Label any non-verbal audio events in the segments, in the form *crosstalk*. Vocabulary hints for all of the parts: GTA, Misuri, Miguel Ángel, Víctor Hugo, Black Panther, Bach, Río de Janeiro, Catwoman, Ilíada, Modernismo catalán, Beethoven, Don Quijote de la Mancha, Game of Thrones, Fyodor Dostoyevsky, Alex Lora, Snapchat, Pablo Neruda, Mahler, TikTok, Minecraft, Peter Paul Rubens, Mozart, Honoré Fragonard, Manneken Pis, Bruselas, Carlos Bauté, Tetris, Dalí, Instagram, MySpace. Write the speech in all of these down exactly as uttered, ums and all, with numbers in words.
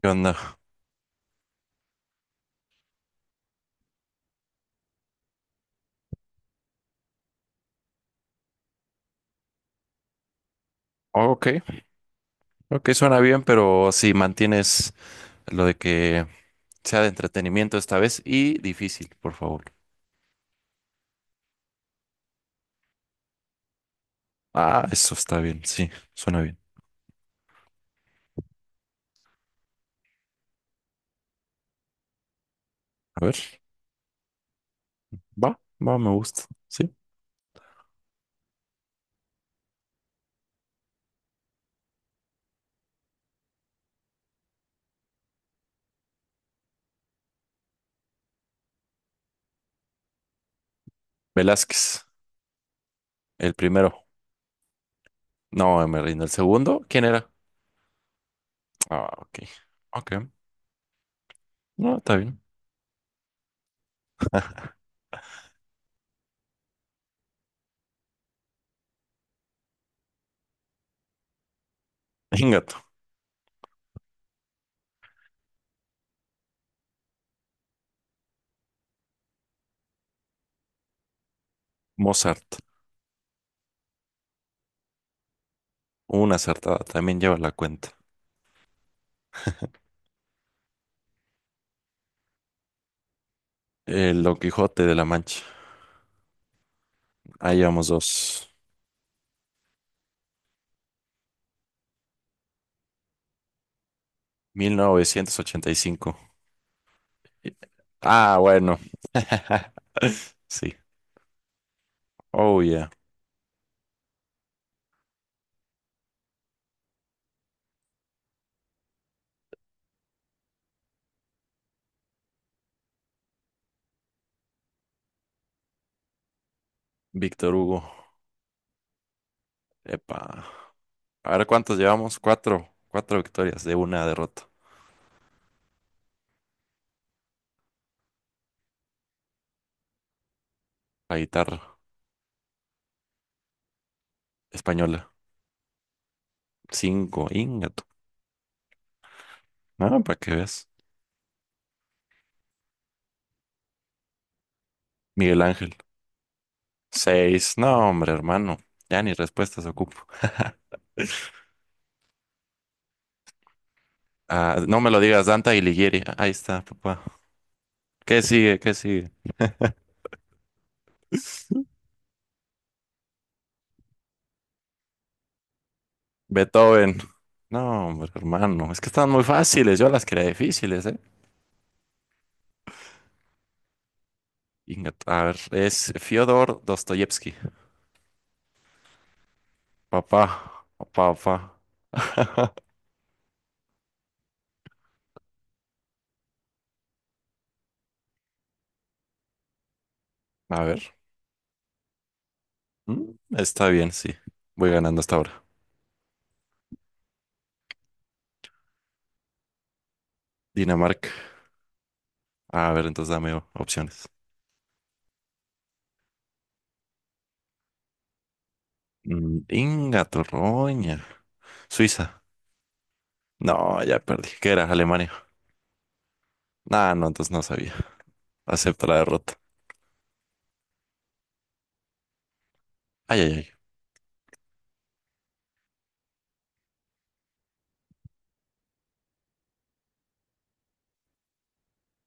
¿Qué onda? Oh, ok, ok, suena bien, pero si mantienes lo de que sea de entretenimiento esta vez y difícil, por favor. Ah, eso está bien, sí, suena bien. A ver, va, va, me gusta, sí. Velázquez, el primero. No, me rindo. ¿El segundo? ¿Quién era? Ah, ok. Ok. No, está bien. *laughs* Venga tú. Mozart. Una acertada. También lleva la cuenta. *laughs* El Don Quijote de la Mancha. Ahí llevamos dos. mil novecientos ochenta y cinco. Ah, bueno. *laughs* Sí. Oh, yeah. Víctor Hugo. Epa. A ver cuántos llevamos. Cuatro. Cuatro victorias de una derrota. La guitarra española. Cinco. Ingato. Ah, para que veas. Miguel Ángel. Seis. No, hombre, hermano. Ya ni respuestas ocupo. Ah, no me lo digas, Danta Alighieri. Ahí está, papá. ¿Qué sigue? ¿Qué sigue? Beethoven. No, hombre, hermano. Es que están muy fáciles. Yo las quería difíciles, ¿eh? Inga- A ver, es Fyodor Dostoyevsky. Papá, papá, papá. *laughs* A ver. Mm, está bien, sí. Voy ganando hasta ahora. Dinamarca. A ver, entonces dame o- opciones. Mm, Inga, Torroña. Suiza. No, ya perdí. ¿Qué era? Alemania. Ah, no, entonces no sabía. Acepto la derrota. Ay, ay, ay.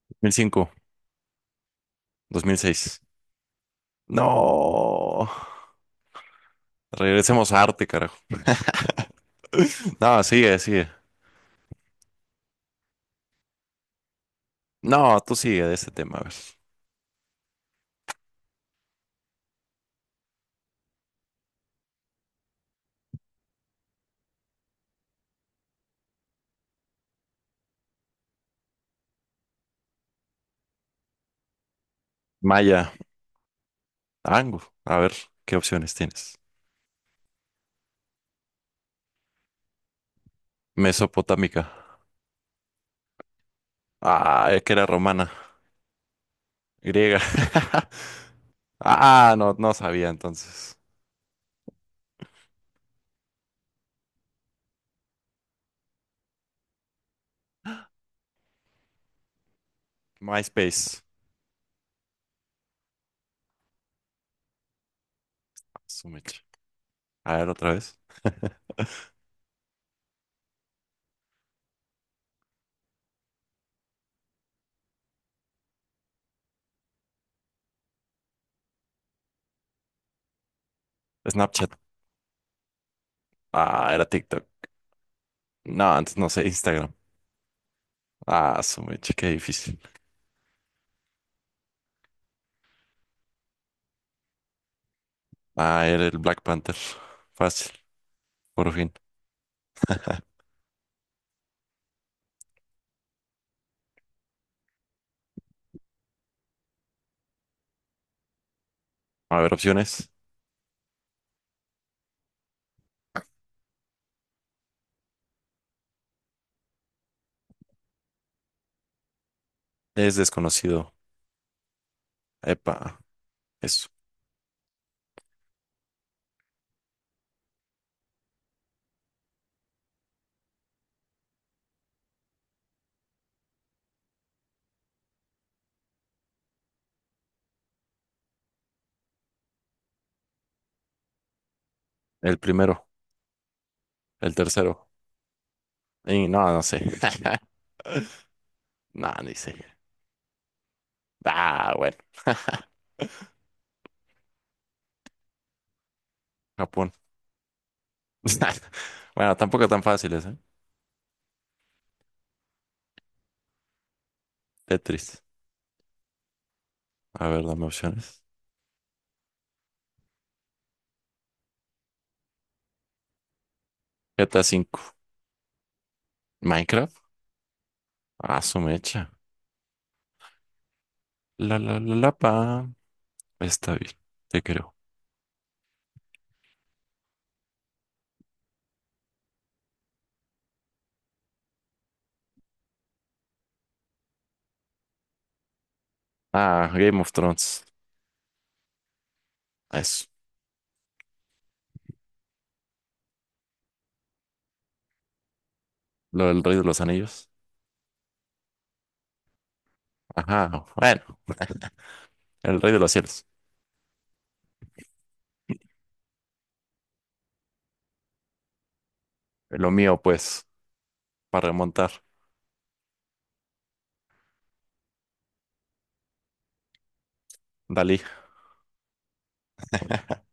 dos mil cinco, dos mil seis. No. Regresemos a arte, carajo. *laughs* No, sigue, sigue. No, tú sigue de este tema, a ver. Maya, Angu, a ver, ¿qué opciones tienes? Mesopotámica. Ah, es que era romana, griega. *laughs* Ah, no, no sabía entonces. MySpace. Su mecha. A ver, otra vez. *laughs* Snapchat. Ah, era TikTok. No, antes no sé, Instagram. Ah, su mecha, qué difícil. Ah, era el Black Panther. Fácil, por fin. A ver, opciones. Es desconocido. Epa, eso. El primero, el tercero. Y no, no sé. *laughs* No, ni sé. Ah, bueno. *laughs* Japón. *laughs* Bueno, tampoco tan fáciles, ¿eh? Tetris. A ver, dame opciones. G T A cinco, Minecraft. Ah, su mecha. La la la la pa. Está bien, te creo. Ah, Game of Thrones. Eso. Lo del Rey de los Anillos. Ajá, bueno, el Rey de los Cielos. Lo mío, pues, para remontar. Dalí. *laughs*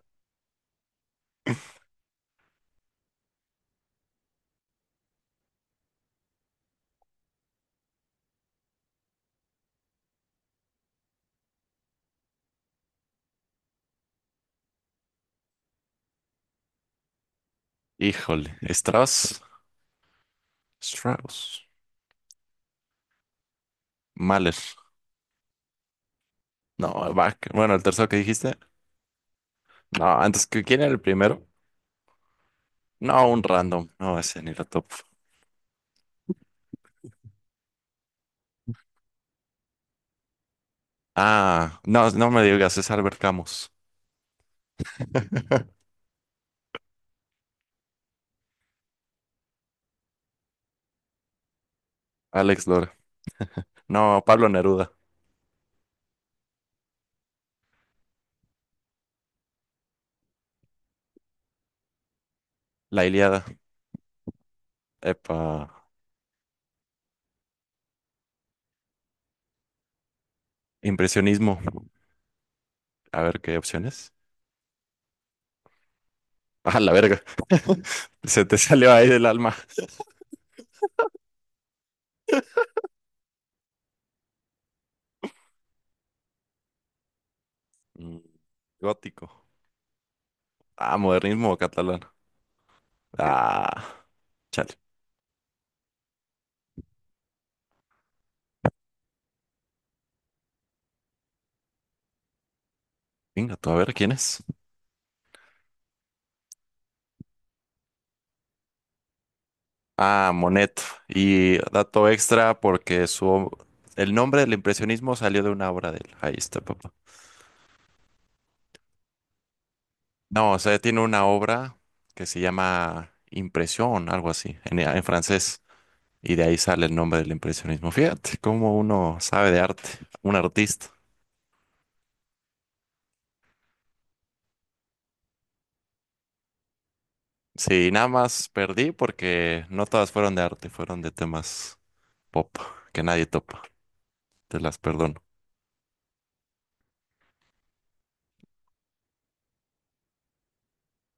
Híjole. Strauss. Strauss. Mahler. No, Bach. Bueno, el tercero que dijiste. No, antes que quién era el primero. No, un random. No, ese ni la top. Ah, no, no me digas, es Albert Camus. *laughs* Alex Lora. No, Pablo Neruda. La Ilíada. Epa. Impresionismo. A ver qué opciones. Ah, la verga. *laughs* Se te salió ahí del alma. Mm, gótico. Ah, modernismo catalán. Ah, chale. Venga, tú a ver quién es. Ah, Monet. Y dato extra porque su el nombre del impresionismo salió de una obra de él. Ahí está, papá. No, o sea, tiene una obra que se llama Impresión, algo así, en, en francés. Y de ahí sale el nombre del impresionismo. Fíjate cómo uno sabe de arte, un artista. Sí, nada más perdí porque no todas fueron de arte, fueron de temas pop que nadie topa. Te las perdono.